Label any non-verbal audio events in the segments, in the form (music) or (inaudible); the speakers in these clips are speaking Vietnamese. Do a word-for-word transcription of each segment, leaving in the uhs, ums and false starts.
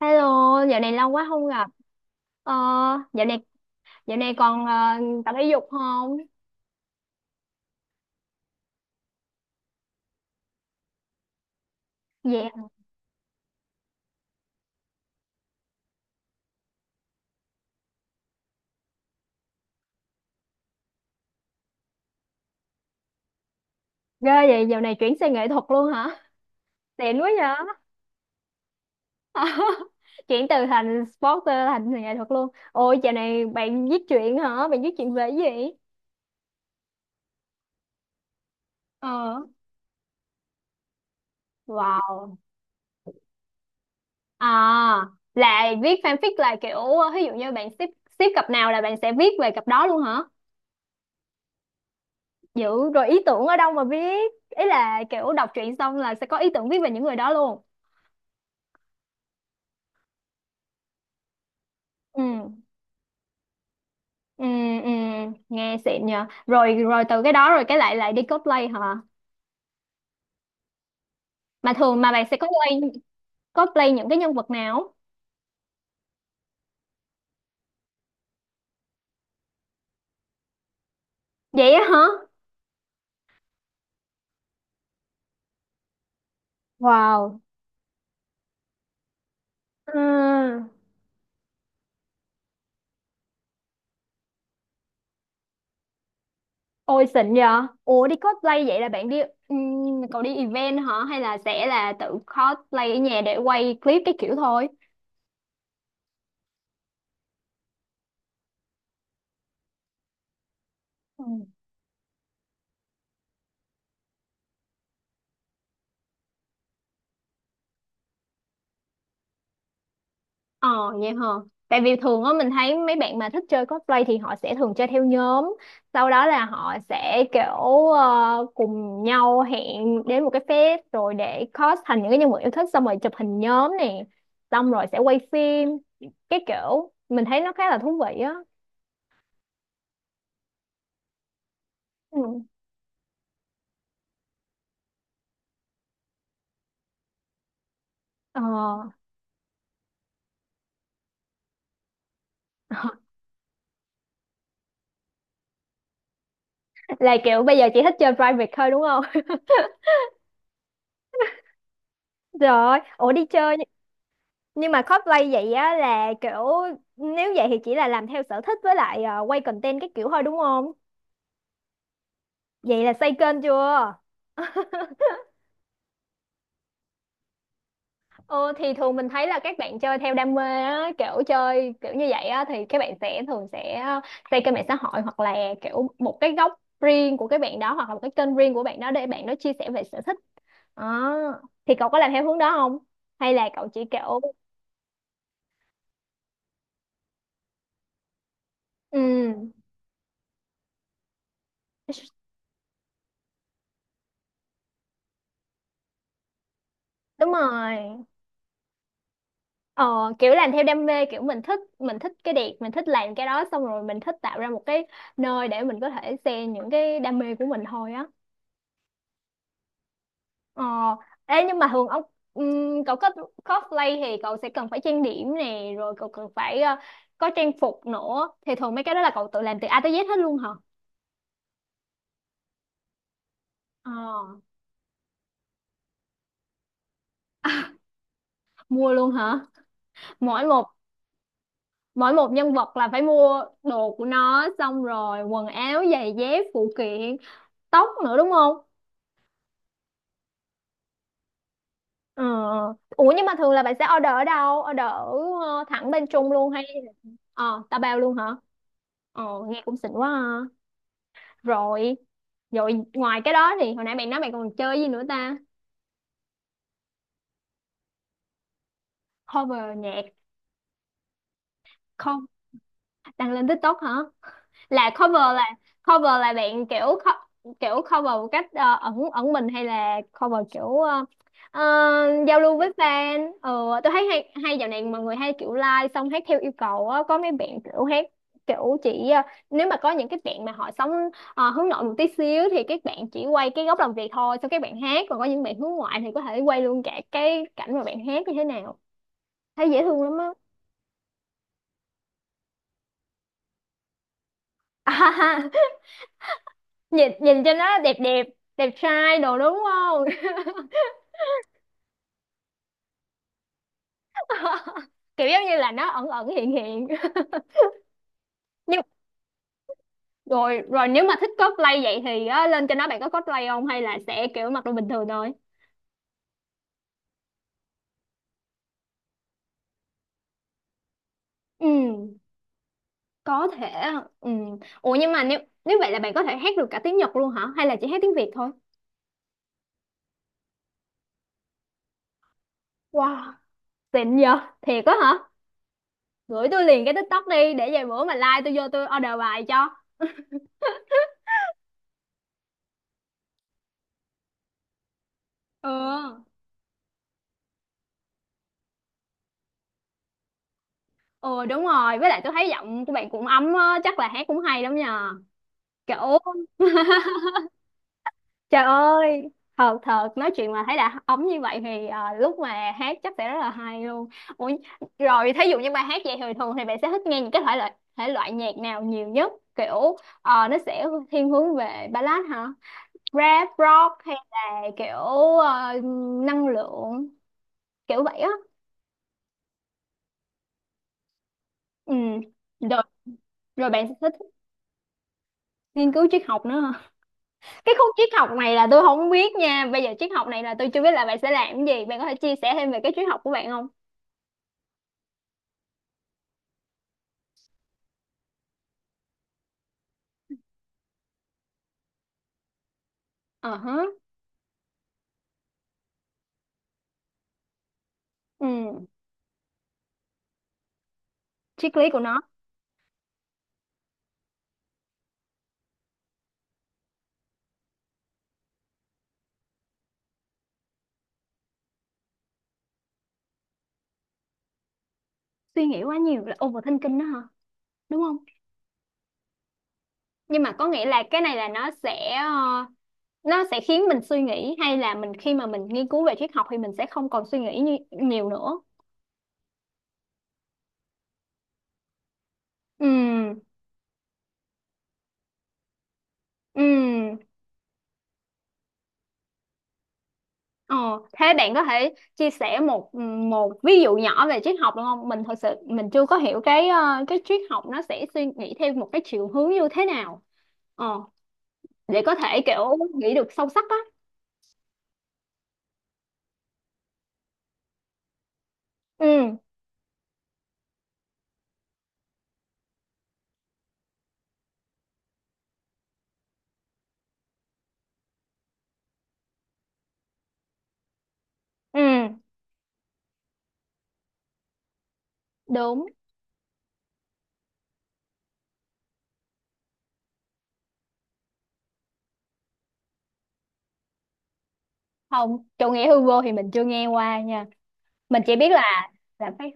Hello, dạo này lâu quá không gặp. Ờ, dạo này dạo này còn ờ, tập thể dục không? Dạ. Ghê vậy, dạo này chuyển sang nghệ thuật luôn hả? Xịn quá vậy. (laughs) Chuyển từ thành sporter thành nghệ thuật luôn. Ôi, dạo này bạn viết truyện hả? Bạn viết truyện về cái gì? Ờ. Wow. À, là viết fanfic là kiểu ví dụ như bạn ship ship cặp nào là bạn sẽ viết về cặp đó luôn hả? Dữ, rồi ý tưởng ở đâu mà viết? Ý là kiểu đọc truyện xong là sẽ có ý tưởng viết về những người đó luôn. Ừ. Ừ, ừ, nghe xịn nhờ. Rồi rồi từ cái đó rồi cái lại lại đi cosplay hả, mà thường mà bạn sẽ cosplay cosplay những cái nhân vật nào? Vậy á hả. Wow. Ừ. Ôi xịn nhờ. Ủa đi cosplay vậy là bạn đi, ừ, cậu đi event hả hay là sẽ là tự cosplay ở nhà để quay clip cái kiểu thôi? Ừ. Ờ vậy hả? Tại vì thường á mình thấy mấy bạn mà thích chơi cosplay thì họ sẽ thường chơi theo nhóm, sau đó là họ sẽ kiểu, ờ, cùng nhau hẹn đến một cái fest rồi để cos thành những cái nhân vật yêu thích, xong rồi chụp hình nhóm nè, xong rồi sẽ quay phim. Cái kiểu mình thấy nó khá là thú vị á. Ừ. Ờ. (laughs) Là kiểu bây giờ chỉ thích chơi private thôi đúng không? (laughs) Rồi, ủa đi chơi nh- nhưng mà cosplay vậy á là kiểu, nếu vậy thì chỉ là làm theo sở thích với lại, ờ, quay content cái kiểu thôi đúng không? Vậy là xây kênh chưa? Ờ thì thường mình thấy là các bạn chơi theo đam mê á, kiểu chơi kiểu như vậy á thì các bạn sẽ thường sẽ, ờ, xây kênh mạng xã hội hoặc là kiểu một cái góc riêng của các bạn đó, hoặc là một cái kênh riêng của bạn đó để bạn đó chia sẻ về sở thích. Đó. Thì cậu có làm theo hướng đó không? Hay là cậu chỉ kiểu, ừ đúng rồi. Ờ kiểu làm theo đam mê, kiểu mình thích, mình thích cái đẹp, mình thích làm cái đó xong rồi mình thích tạo ra một cái nơi để mình có thể share những cái đam mê của mình thôi á. Ờ, ê nhưng mà thường ông, ừm, cậu có cosplay thì cậu sẽ cần phải trang điểm nè, rồi cậu cần phải, ờ, có trang phục nữa. Thì thường mấy cái đó là cậu tự làm từ A tới Z hết luôn hả? Ờ, mua luôn hả? Mỗi một mỗi một nhân vật là phải mua đồ của nó, xong rồi quần áo, giày dép, phụ kiện, tóc nữa đúng không? Ờ. Ờ. Ủa nhưng mà thường là bạn sẽ order ở đâu? Order ở ờ, thẳng bên Trung luôn hay ờ, ta bao luôn hả? Ờ, nghe cũng xịn quá ha. Rồi rồi ngoài cái đó thì hồi nãy bạn nói bạn còn chơi gì nữa ta? Cover nhạc, co- đăng lên TikTok hả? Là cover là, cover là bạn kiểu co- kiểu cover một cách, ờ, ẩn ẩn mình hay là cover kiểu, ờ, ờ, giao lưu với fan. Ừ, tôi thấy hay hay dạo này mọi người hay kiểu like xong hát theo yêu cầu á, có mấy bạn kiểu hát kiểu chỉ, ờ, nếu mà có những cái bạn mà họ sống, ờ, hướng nội một tí xíu thì các bạn chỉ quay cái góc làm việc thôi xong các bạn hát, còn có những bạn hướng ngoại thì có thể quay luôn cả cái cảnh mà bạn hát như thế nào, thấy dễ thương lắm á. (laughs) Nhìn nhìn cho nó đẹp đẹp, đẹp trai đồ đúng không? (laughs) Kiểu giống như là nó ẩn ẩn hiện hiện, nhưng rồi rồi nếu mà thích cosplay vậy thì á, lên cho nó bạn có cosplay không hay là sẽ kiểu mặc đồ bình thường thôi? Ừ có thể. Ừ ủa nhưng mà nếu nếu vậy là bạn có thể hát được cả tiếng Nhật luôn hả hay là chỉ hát tiếng Việt thôi? Wow, xịn vậy thiệt á hả. Gửi tôi liền cái TikTok đi để vài bữa mà like tôi vô tôi order bài cho. Ừ ừ đúng rồi, với lại tôi thấy giọng của bạn cũng ấm á, chắc là hát cũng hay lắm nhờ kiểu. Trời ơi, thật thật nói chuyện mà thấy đã ống như vậy thì, ờ, lúc mà hát chắc sẽ rất là hay luôn. Ủa, rồi thí dụ như bài hát vậy thì thường thì bạn sẽ thích nghe những cái thể loại thể loại nhạc nào nhiều nhất? Kiểu, ờ, nó sẽ thiên hướng về ballad hả? Rap, rock hay là kiểu, ờ, năng lượng kiểu vậy á. Ừ. Rồi rồi bạn sẽ thích nghiên cứu triết học nữa hả? Cái khúc triết học này là tôi không biết nha. Bây giờ triết học này là tôi chưa biết là bạn sẽ làm cái gì. Bạn có thể chia sẻ thêm về cái triết học của bạn không? Ờ hả. Ừ, triết lý của nó. Suy nghĩ quá nhiều là overthinking đó hả? Đúng không? Nhưng mà có nghĩa là cái này là nó sẽ, ờ, nó sẽ khiến mình suy nghĩ, hay là mình khi mà mình nghiên cứu về triết học thì mình sẽ không còn suy nghĩ như, nhiều nữa. Ừ, ừ. Ờ, thế bạn có thể chia sẻ một, một ví dụ nhỏ về triết học được không? Mình thật sự mình chưa có hiểu cái, ờ, cái triết học nó sẽ suy nghĩ theo một cái chiều hướng như thế nào. Ờ, để có thể kiểu nghĩ được sâu sắc á. Ừ, ừ, đúng. Không, chủ nghĩa hư vô thì mình chưa nghe qua nha, mình chỉ biết là là phải.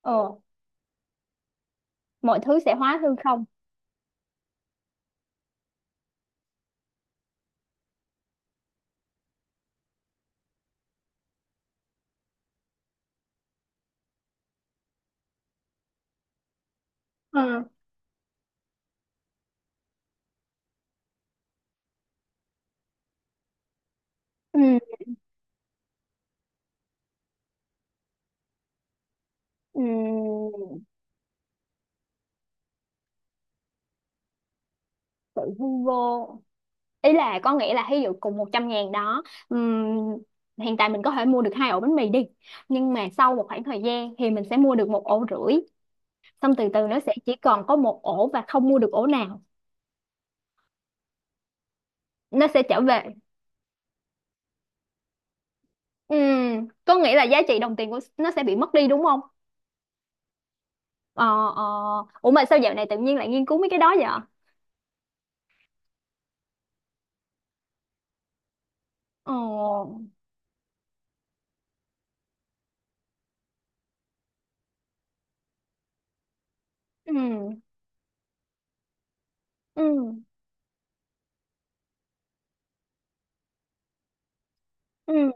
Ờ mọi thứ sẽ hóa hư không. Ờ, ừ, ừ, sự hư vô. Ý là có nghĩa là ví dụ cùng một trăm ngàn đó, ừm, hiện tại mình có thể mua được hai ổ bánh mì đi, nhưng mà sau một khoảng thời gian thì mình sẽ mua được một ổ rưỡi, xong từ từ nó sẽ chỉ còn có một ổ và không mua được ổ nào, nó sẽ trở về. Ừm, có nghĩa là giá trị đồng tiền của nó sẽ bị mất đi đúng không? Ờ ờ. Ủa mà sao dạo này tự nhiên lại nghiên cứu mấy cái đó vậy? Ồ, ừ, ừ, ừ, ừ,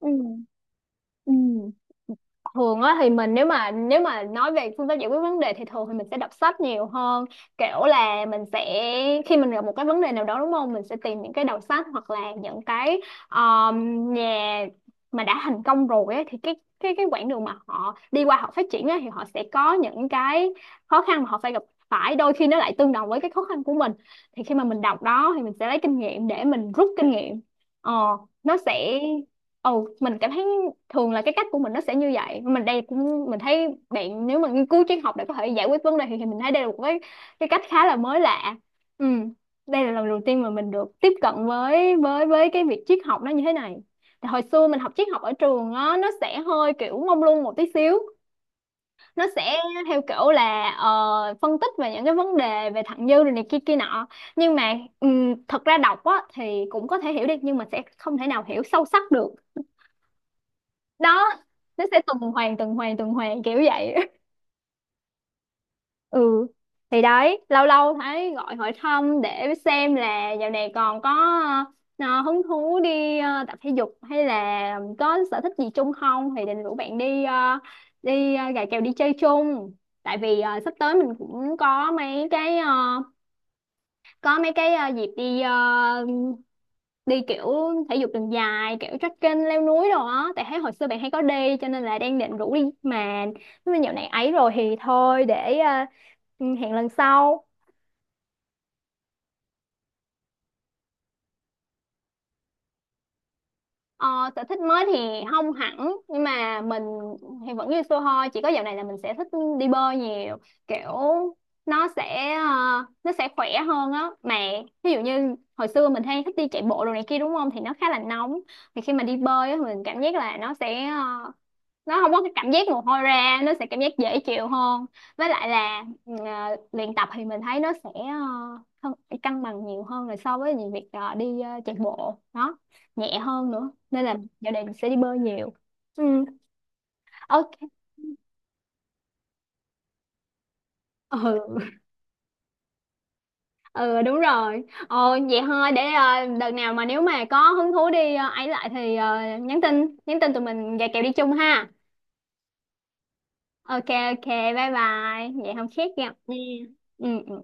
ừ. Ừ. Thường á thì mình, nếu mà nếu mà nói về phương pháp giải quyết vấn đề thì thường thì mình sẽ đọc sách nhiều hơn, kiểu là mình sẽ, khi mình gặp một cái vấn đề nào đó đúng không, mình sẽ tìm những cái đầu sách hoặc là những cái, um, nhà mà đã thành công rồi ấy, thì cái cái cái quãng đường mà họ đi qua họ phát triển ấy, thì họ sẽ có những cái khó khăn mà họ phải gặp phải, đôi khi nó lại tương đồng với cái khó khăn của mình, thì khi mà mình đọc đó thì mình sẽ lấy kinh nghiệm để mình rút kinh nghiệm. Ờ nó sẽ, ừ mình cảm thấy thường là cái cách của mình nó sẽ như vậy. Mình đây cũng mình thấy bạn nếu mà nghiên cứu triết học để có thể giải quyết vấn đề thì, thì mình thấy đây là một cái cái cách khá là mới lạ. Ừ. Đây là lần đầu tiên mà mình được tiếp cận với với với cái việc triết học nó như thế này. Thì hồi xưa mình học triết học ở trường á nó sẽ hơi kiểu mông lung một tí xíu, nó sẽ theo kiểu là, ờ, phân tích về những cái vấn đề về thặng dư rồi này kia kia nọ, nhưng mà, ừm, thật ra đọc á thì cũng có thể hiểu được nhưng mà sẽ không thể nào hiểu sâu sắc được đó, nó sẽ tuần hoàn tuần hoàn tuần hoàn kiểu vậy. (laughs) Ừ thì đấy, lâu lâu thấy gọi hỏi thăm để xem là dạo này còn có, ờ, hứng thú đi, ờ, tập thể dục hay là có sở thích gì chung không thì định rủ bạn đi, ờ, đi ờ, gà kèo đi chơi chung, tại vì, ờ, sắp tới mình cũng có mấy cái, ờ, có mấy cái, ờ, dịp đi ờ, đi kiểu thể dục đường dài kiểu trekking leo núi đồ á, tại thấy hồi xưa bạn hay có đi cho nên là đang định rủ đi, mà nếu mà dạo này ấy rồi thì thôi để, ờ, ừ, hẹn lần sau. Ờ, sở thích mới thì không hẳn, nhưng mà mình thì vẫn như xưa thôi, chỉ có dạo này là mình sẽ thích đi bơi nhiều, kiểu nó sẽ, ờ, nó sẽ khỏe hơn á mà. Ví dụ như hồi xưa mình hay thích đi chạy bộ đồ này kia đúng không thì nó khá là nóng, thì khi mà đi bơi á mình cảm giác là nó sẽ, ờ, nó không có cái cảm giác mồ hôi ra, nó sẽ cảm giác dễ chịu hơn. Với lại là ừ, à, luyện tập thì mình thấy nó sẽ, ờ, cân cân bằng nhiều hơn là so với những việc, ờ, đi ờ, chạy bộ nó nhẹ hơn nữa, nên là giờ đây mình sẽ đi bơi nhiều. Ừ. Ok. Ừ, ừ đúng rồi. Ờ vậy thôi để, ờ, đợt nào mà nếu mà có hứng thú đi, ờ, ấy lại thì, ờ, nhắn tin nhắn tin tụi mình gà kèo đi chung ha. Ok. Ok. Bye bye vậy không khác gặp nha. Ừ ừ.